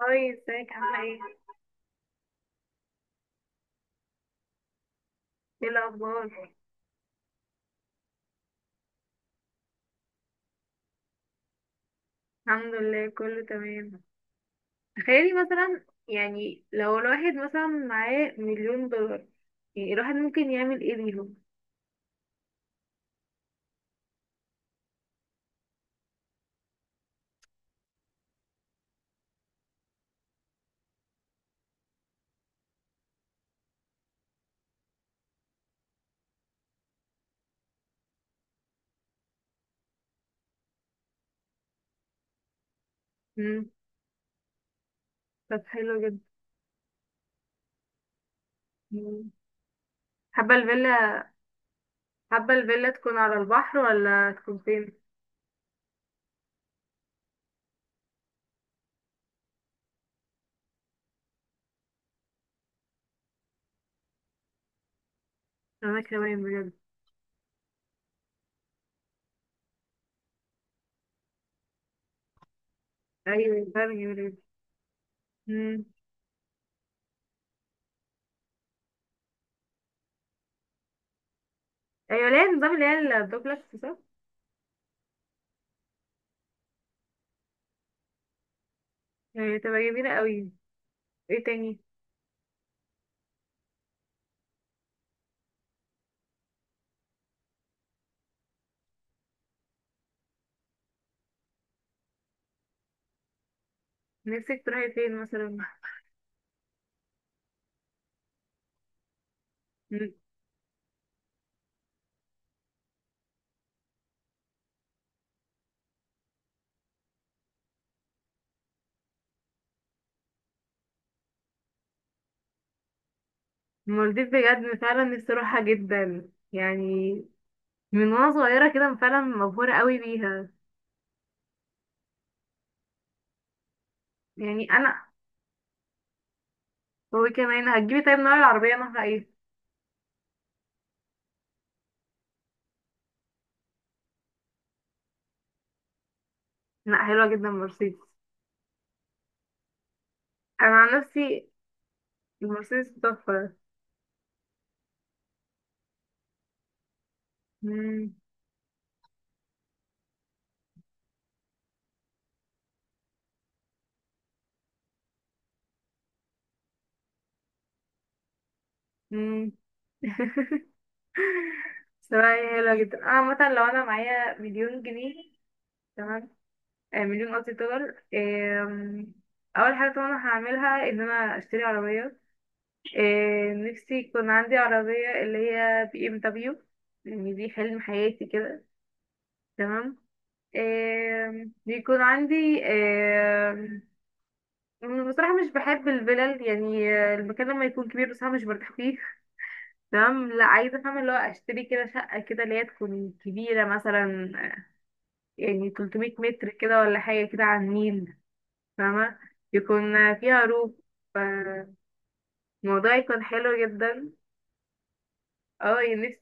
هاي ازيك عاملة ايه؟ ايه الأخبار؟ الحمد لله كله تمام. تخيلي مثلا يعني لو الواحد مثلا معاه مليون دولار، يعني الواحد ممكن يعمل ايه بيهم؟ مم. طب حلو جدا. مم. حابة الفيلا، حابة الفيلا تكون على البحر ولا تكون فين؟ أنا كمان بجد. أيوة فعلا جميلة جدا. مم. أيوة ليه النظام اللي هي الدوبلكس صح؟ يعني تبقى جميلة قوي. ايه تاني؟ نفسك تروحي فين مثلا؟ المالديف بجد فعلا نفسي اروحها جدا يعني. من وانا صغيرة كده فعلا مبهورة قوي بيها. يعني انا هو كمان هتجيبي طيب نوع العربية نوعها ايه؟ لا حلوة جدا مرسيدس. انا عن نفسي المرسيدس تحفة. مم، مم. صراحة هي حلوة جدا، انا مثلا لو انا معايا مليون جنيه، تمام. مليون قصدي دولار. اول حاجة طبعا هعملها ان انا اشتري عربية. نفسي يكون عندي عربية اللي هي بي ام دبليو، يعني دي حلم حياتي كده. تمام. بيكون عندي، بصراحة مش بحب الفلل، يعني المكان لما يكون كبير بصراحة مش برتاح فيه. تمام، لا عايزة فاهمة اللي هو اشتري كده شقة كده اللي هي تكون كبيرة مثلا، يعني 300 متر كده ولا حاجة كده على النيل. فاهمة، يكون فيها روف، فالموضوع يكون حلو جدا. اه يعني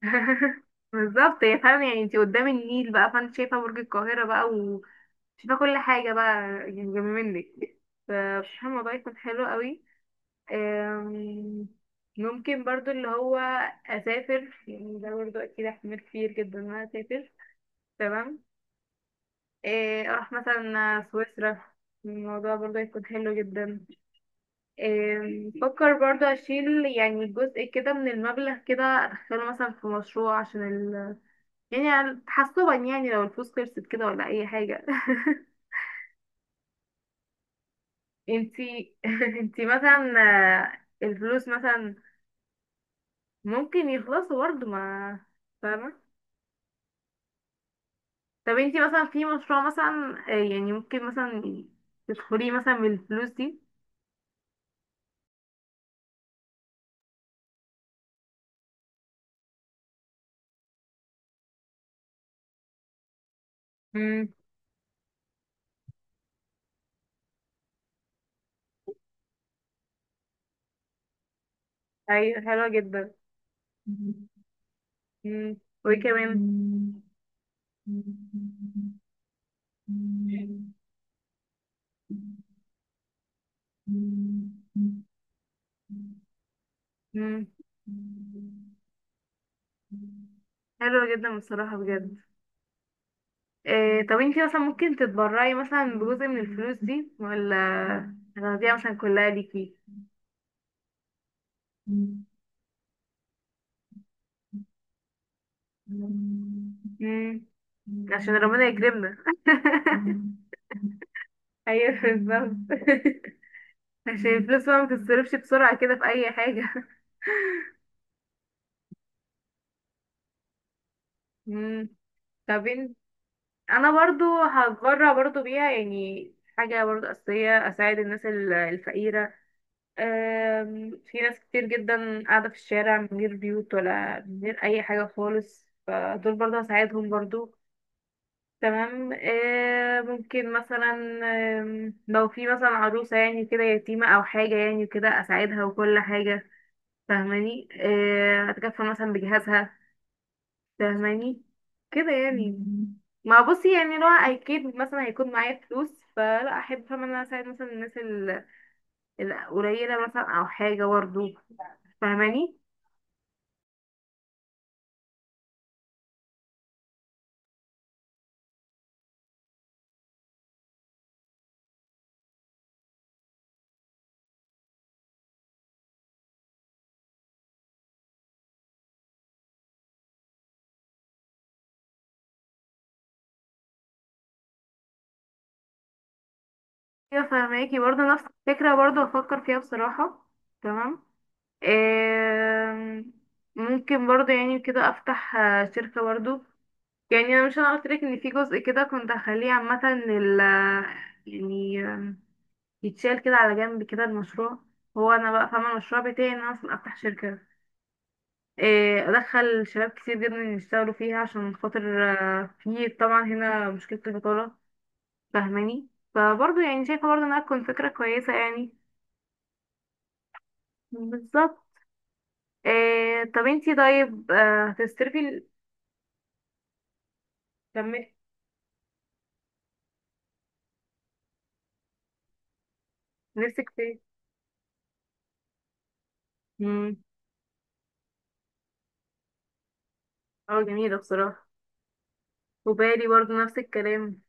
بالظبط، هي فعلا يعني انتي قدام النيل بقى فانت شايفة برج القاهرة بقى وشايفة كل حاجة بقى يعني جنب منك، فبصراحة الموضوع يكون حلو قوي. أم، ممكن برضو اللي هو أسافر، يعني ده برضو أكيد احتمال كبير جدا إن أنا أسافر. تمام. أروح مثلا سويسرا، الموضوع برضو هيكون حلو جدا. إيه، بفكر برضو أشيل يعني جزء كده من المبلغ كده أدخله مثلا في مشروع، عشان يعني على- تحسبا يعني لو الفلوس خلصت كده ولا اي حاجة. انتي انتي مثلا الفلوس مثلا ممكن يخلصوا برضه ما، فاهمة. طب انتي مثلا في مشروع مثلا يعني ممكن مثلا تدخليه مثلا بالفلوس دي. امم. ايوه حلوة جدا. امم. وايه كمان. امم. حلوة جدا بصراحة بجد. إيه طب انتي مثلا ممكن تتبرعي مثلا بجزء من الفلوس دي ولا هتاخديها مثلا كلها ليكي؟ مم. عشان ربنا يكرمنا. ايوه بالظبط. عشان الفلوس بقى ما بتتصرفش بسرعة كده في اي حاجة. مم. طب انت، انا برضو هتبرع برضو بيها يعني، حاجة برضو أساسية اساعد الناس ال- الفقيرة. في ناس كتير جدا قاعدة في الشارع من غير بيوت ولا من غير أي حاجة خالص، فدول برضه هساعدهم برضه. تمام. ممكن مثلا لو في مثلا عروسة يعني كده يتيمة أو حاجة يعني كده أساعدها وكل حاجة، فاهماني. أتكفل مثلا بجهازها، فاهماني كده يعني. مم. ما بصي يعني لو اكيد مثلا هيكون معايا فلوس فلا احب فاهمة ان انا اساعد مثلا الناس ال- القليلة مثلا او حاجة برضه، فاهماني. ايوه فهماكي برضه نفس الفكرة برضه بفكر فيها بصراحة. تمام. آم، ممكن برضه يعني كده افتح شركة برضه، يعني انا مش انا قلت لك ان في جزء كده كنت هخليه عامة لل، يعني يتشال كده على جنب كده المشروع. هو انا بقى فاهمة المشروع بتاعي ان انا اصلا افتح شركة، ادخل شباب كتير جدا يشتغلوا فيها عشان خاطر في طبعا هنا مشكلة البطالة، فاهماني. فبرضه يعني شايفة برضه انها تكون فكرة كويسة يعني. بالظبط. آه طب انتي طيب هتصرفي ال- كملي، نفسك في ايه؟ امم. اه جميلة بصراحة. وبالي برضو نفس الكلام.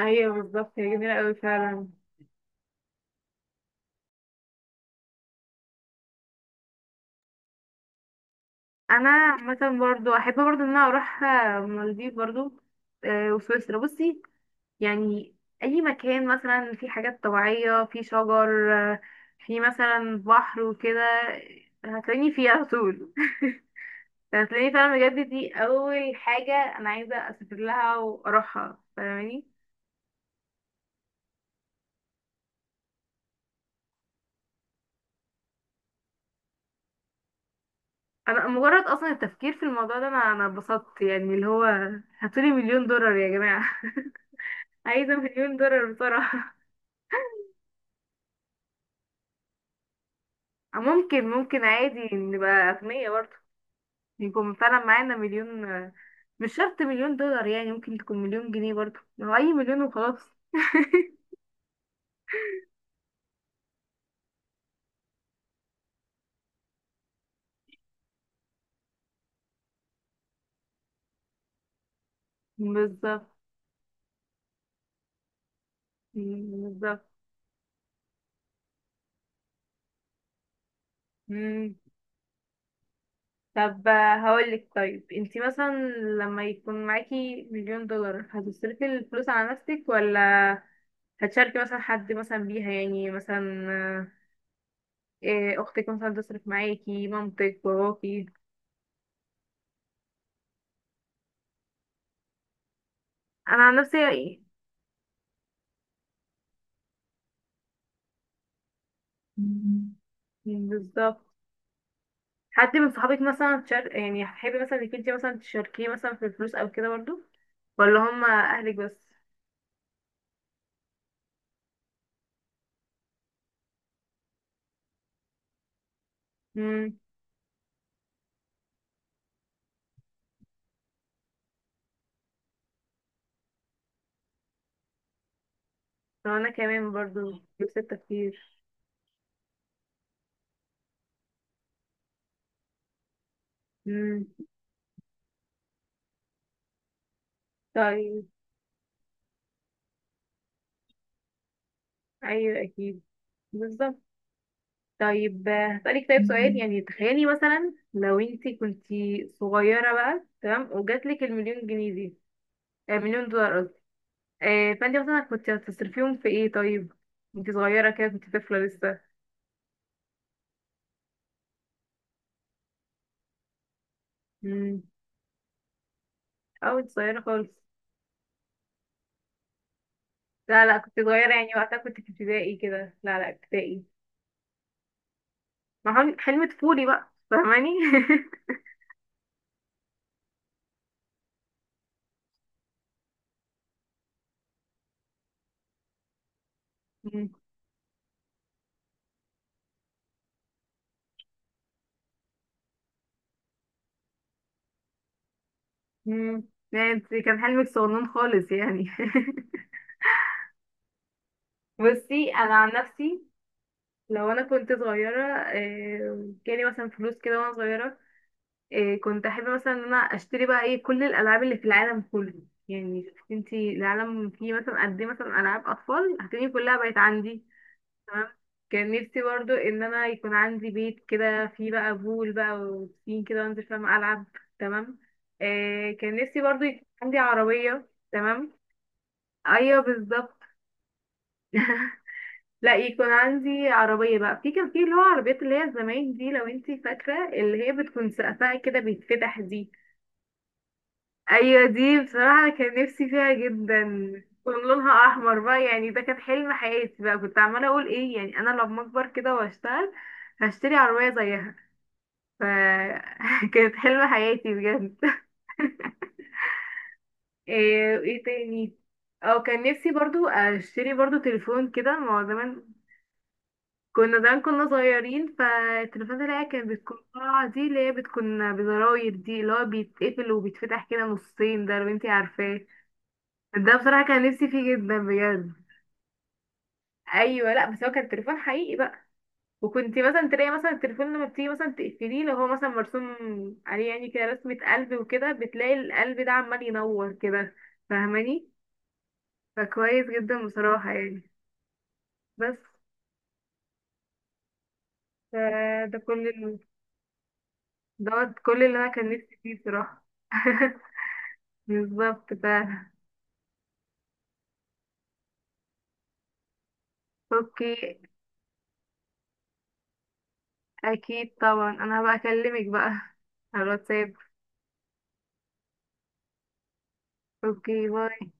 ايوه بالظبط، هي جميله قوي فعلا. انا مثلا برضو احب برضو ان انا اروح المالديف برضو، وسويسرا. بصي يعني اي مكان مثلا في حاجات طبيعية، في شجر، في مثلا بحر وكده، هتلاقيني فيه على طول. هتلاقيني فعلا بجد، دي اول حاجه انا عايزه اسافر لها واروحها، فاهماني. انا مجرد اصلا التفكير في الموضوع ده انا اتبسطت يعني اللي هو هاتولي مليون دولار يا جماعه. عايزه مليون دولار بصراحه. ممكن، ممكن عادي نبقى اغنياء برضه، يكون فعلا معانا مليون. مش شرط مليون دولار يعني، ممكن تكون مليون جنيه برضه، هو اي مليون وخلاص. بالظبط. بالظبط. طب هقولك طيب، انتي مثلا لما يكون معاكي مليون دولار هتصرفي الفلوس على نفسك، ولا هتشاركي مثلا حد مثلا بيها يعني مثلا اختك مثلا تصرف معاكي مامتك باباكي؟ انا عن نفسي يعني- مم. بالظبط. حد من صحابك مثلا تشار... يعني هتحبي مثلا انك انتي مثلا تشاركيه مثلا في الفلوس او كده برضو، ولا هما اهلك بس؟ امم. انا كمان برضو نفس التفكير. امم. طيب. ايوه اكيد. بالظبط. طيب هسألك طيب سؤال، يعني تخيلي مثلا لو انت كنتي صغيرة بقى تمام وجاتلك المليون جنيه دي، مليون دولار قصدي. فانت مثلا كنت هتصرفيهم في ايه طيب؟ انت صغيرة كده كنت طفلة لسه. مم. او انت صغيرة خالص، لا كنت صغيرة يعني وقتها كنت في ابتدائي كده، لا ابتدائي. ما حلم، حلم طفولي بقى، فاهماني. مم. مم. لا انت كان حلمك صغنون خالص يعني. بصي انا عن نفسي لو انا كنت صغيره جالي مثلا فلوس كده وانا صغيره، كنت احب مثلا ان انا اشتري بقى ايه كل الالعاب اللي في العالم كله. يعني شوفي انتي العالم فيه مثلا قد ايه مثلا العاب اطفال هتلاقي كلها بقت عندي. تمام. كان نفسي برضو ان انا يكون عندي بيت كده فيه بقى بول بقى وبسين كده وانزل فاهم العب. تمام. كان نفسي برضو يكون عندي عربيه. تمام. ايوه بالظبط، لا يكون عندي عربية بقى، في كان في اللي هو عربيات اللي هي زمان دي لو انتي فاكرة، اللي هي بتكون سقفها كده بيتفتح دي. ايوه دي بصراحة أنا كان نفسي فيها جدا. كان لونها احمر بقى، يعني ده كان حلم حياتي بقى، كنت عمالة اقول ايه يعني انا لما اكبر كده واشتغل هشتري عربية زيها. ف كانت حلم حياتي بجد. ايه تاني؟ او كان نفسي برضو اشتري برضو تليفون كده ما هو زمان كنا، زمان كنا صغيرين، فالتليفونات اللي هي كانت بتكون قاعة دي اللي هي بتكون بزراير دي اللي هو بيتقفل وبيتفتح كده نصين ده، لو انتي عارفاه. ده بصراحة كان نفسي فيه جدا بجد. ايوه، لا بس هو كان تليفون حقيقي بقى، وكنت مثلا تلاقي مثلا التليفون لما بتيجي مثلا تقفليه لو هو مثلا مرسوم عليه يعني كده رسمة قلب وكده، بتلاقي القلب ده عمال ينور كده، فاهماني. فكويس جدا بصراحة يعني. بس ف- ده كل ال- ده كل اللي انا كان نفسي فيه بصراحة. بالظبط فعلا. اوكي. اكيد طبعا انا هبقى اكلمك بقى على الواتساب. اوكي باي.